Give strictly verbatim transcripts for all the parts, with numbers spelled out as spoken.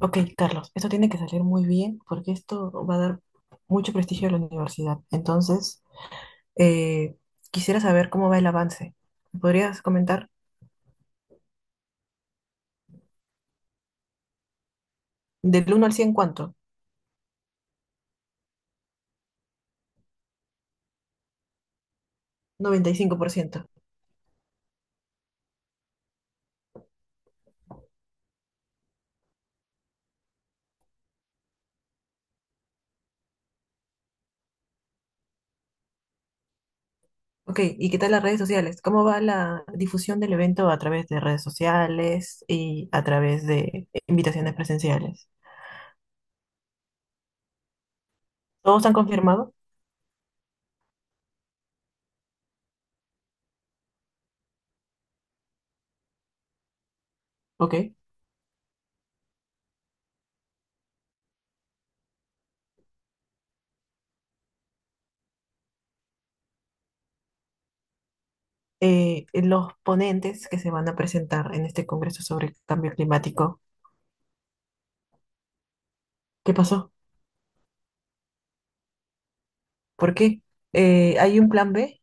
Ok, Carlos, esto tiene que salir muy bien porque esto va a dar mucho prestigio a la universidad. Entonces, eh, quisiera saber cómo va el avance. ¿Me ¿Podrías comentar? Del uno al cien, ¿cuánto? Noventa y cinco por ciento. Ok, ¿y qué tal las redes sociales? ¿Cómo va la difusión del evento a través de redes sociales y a través de invitaciones presenciales? Todos han confirmado, ok. Eh, los ponentes que se van a presentar en este congreso sobre el cambio climático, ¿qué pasó? ¿Por qué? Eh, ¿hay un plan B?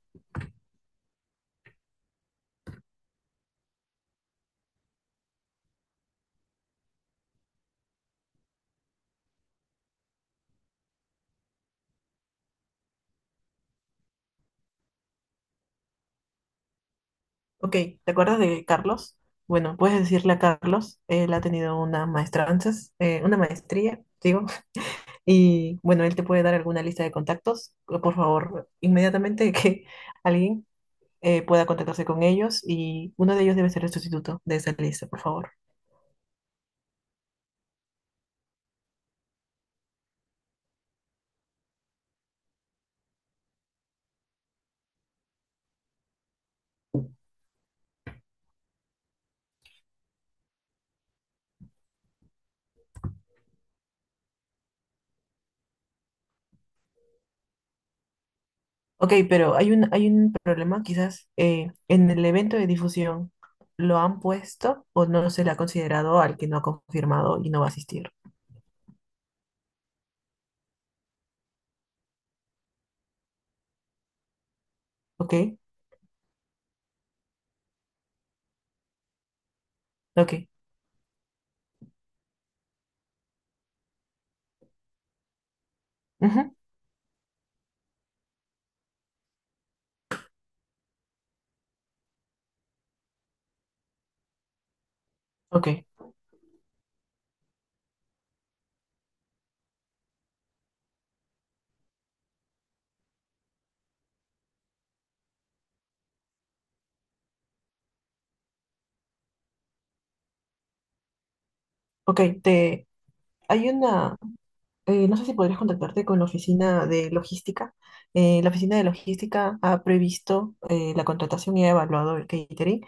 Ok, ¿te acuerdas de Carlos? Bueno, puedes decirle a Carlos, él ha tenido una maestranza, eh, una maestría, digo, y bueno, él te puede dar alguna lista de contactos. Por favor, inmediatamente que alguien eh, pueda contactarse con ellos y uno de ellos debe ser el sustituto de esa lista, por favor. Ok, pero hay un, hay un problema, quizás eh, en el evento de difusión lo han puesto o no se le ha considerado al que no ha confirmado y no va a asistir. Ok, ok, ujú, ok, ok. Te, hay una, eh, no sé si podrías contactarte con la oficina de logística. Eh, la oficina de logística ha previsto eh, la contratación y ha evaluado el catering.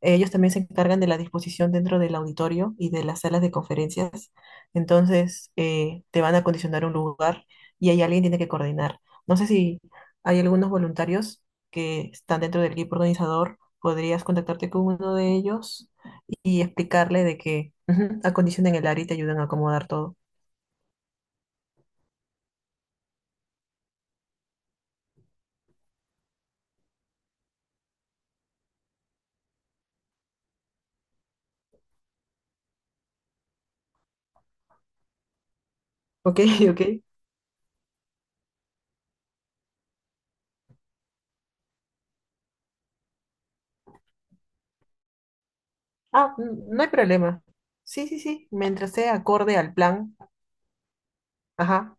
Ellos también se encargan de la disposición dentro del auditorio y de las salas de conferencias. Entonces, eh, te van a condicionar un lugar y ahí alguien tiene que coordinar. No sé si hay algunos voluntarios que están dentro del equipo organizador. Podrías contactarte con uno de ellos y explicarle de que, ujú, acondicionen el área y te ayudan a acomodar todo. Ok, ok. Ah, n- no hay problema. Sí, sí, sí. Mientras sea acorde al plan. Ajá.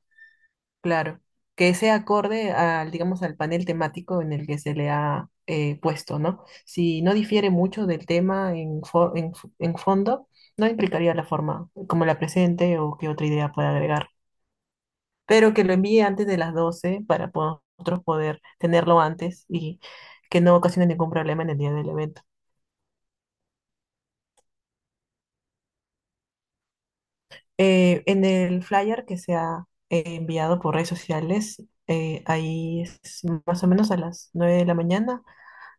Claro, que sea acorde al, digamos, al panel temático en el que se le ha eh, puesto, ¿no? Si no difiere mucho del tema en, fo- en, f- en fondo, no implicaría la forma como la presente o qué otra idea pueda agregar, pero que lo envíe antes de las doce para po- nosotros poder tenerlo antes y que no ocasione ningún problema en el día del evento. Eh, en el flyer que se ha eh, enviado por redes sociales, eh, ahí es más o menos a las nueve de la mañana,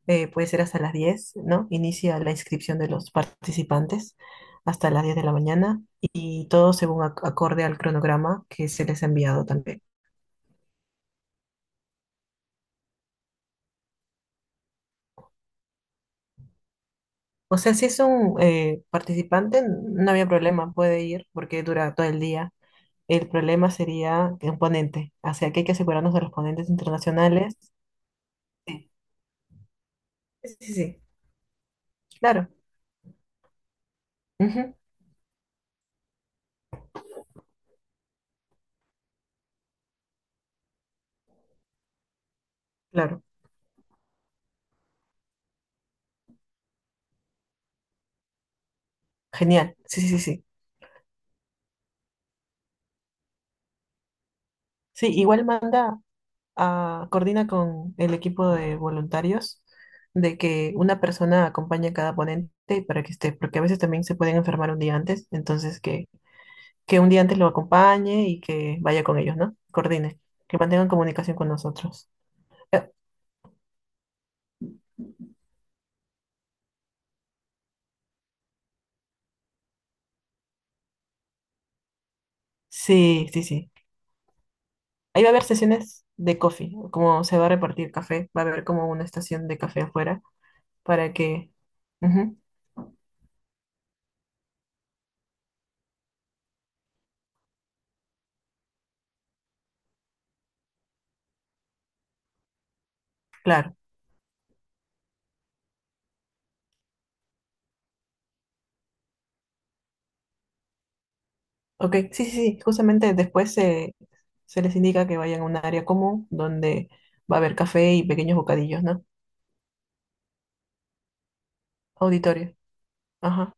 eh, puede ser hasta las diez, ¿no? Inicia la inscripción de los participantes hasta las diez de la mañana y todo según ac- acorde al cronograma que se les ha enviado también. O sea, si es un eh, participante, no había problema, puede ir porque dura todo el día. El problema sería un ponente, o sea, que hay que asegurarnos de los ponentes internacionales. Sí, sí, sí, sí, claro, ujú, claro, genial, sí, sí, sí, sí. Sí, igual manda, ah, coordina con el equipo de voluntarios de que una persona acompañe a cada ponente para que esté, porque a veces también se pueden enfermar un día antes, entonces que, que un día antes lo acompañe y que vaya con ellos, ¿no? Coordine, que mantengan comunicación con nosotros. Eh, sí, sí, sí. Ahí va a haber sesiones de coffee, como se va a repartir café, va a haber como una estación de café afuera para que... Ujú, claro. Ok, sí, sí, sí, justamente después se, se les indica que vayan a un área común donde va a haber café y pequeños bocadillos, ¿no? Auditorio, ajá,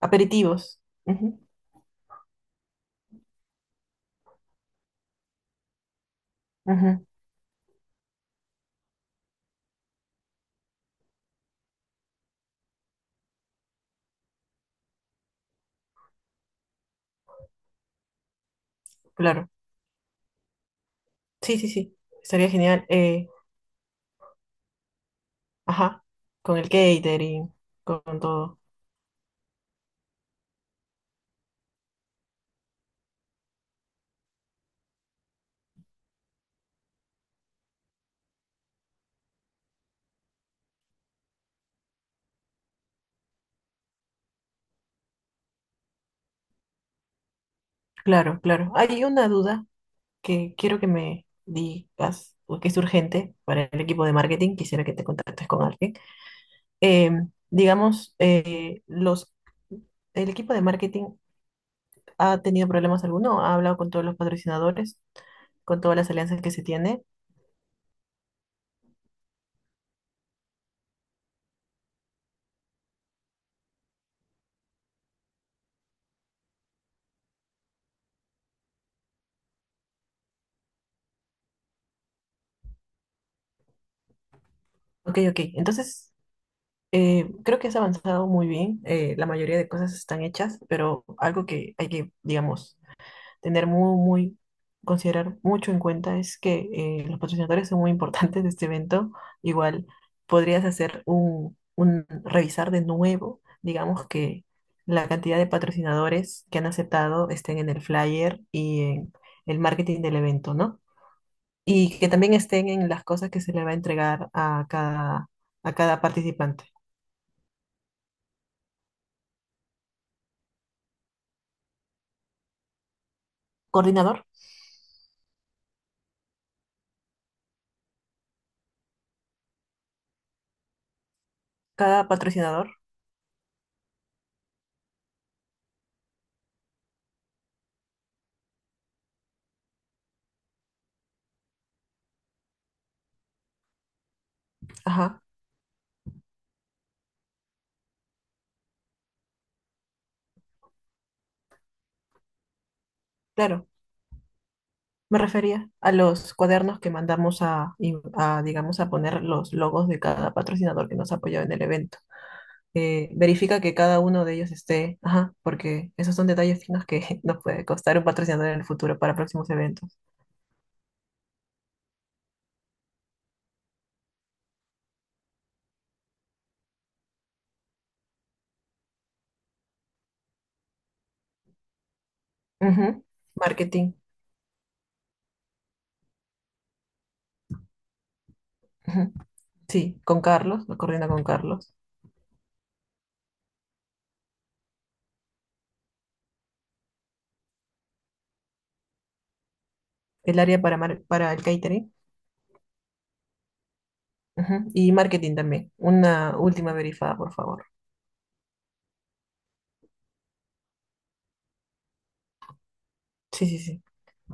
aperitivos, ujú, ujú, claro, sí, sí, sí, estaría genial, eh, ajá, con el catering, con, todo, claro, claro. Hay una duda que quiero que me digas, porque es urgente para el equipo de marketing, quisiera que te contactes con alguien. Em, digamos, eh, los... ¿El equipo de marketing ha tenido problemas alguno? ¿Ha hablado con todos los patrocinadores, con todas las alianzas que se tiene? Ok, ok. Entonces, eh, creo que has avanzado muy bien. Eh, la mayoría de cosas están hechas, pero algo que hay que, digamos, tener muy, muy, considerar mucho en cuenta es que eh, los patrocinadores son muy importantes de este evento. Igual podrías hacer un, un, revisar de nuevo, digamos que la cantidad de patrocinadores que han aceptado estén en el flyer y en el marketing del evento, ¿no? Y que también estén en las cosas que se le va a entregar a cada, a cada participante. Coordinador, cada patrocinador, ajá, claro. Me refería a los cuadernos que mandamos a, y- a, digamos, a poner los logos de cada patrocinador que nos apoyó en el evento. Eh, verifica que cada uno de ellos esté, ajá, porque esos son detalles finos que nos puede costar un patrocinador en el futuro para próximos eventos. Ujú. Marketing. Ujú. Sí, con Carlos, lo coordina con Carlos. El área para, mar- para el catering. Ujú, y marketing también. Una última verificada, por favor. Sí, sí, sí.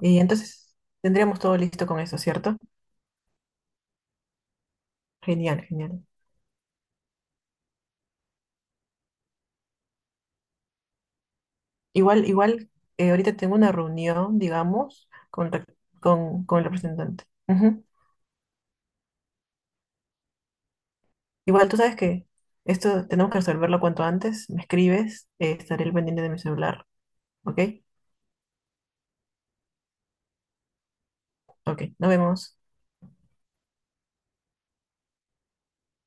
Y entonces tendríamos todo listo con eso, ¿cierto? Genial, genial. Igual, igual, eh, ahorita tengo una reunión, digamos, con, re- con, con el representante. Ujú. Igual tú sabes que esto tenemos que resolverlo cuanto antes. Me escribes, eh, estaré al pendiente de mi celular. ¿Ok? Ok, nos vemos.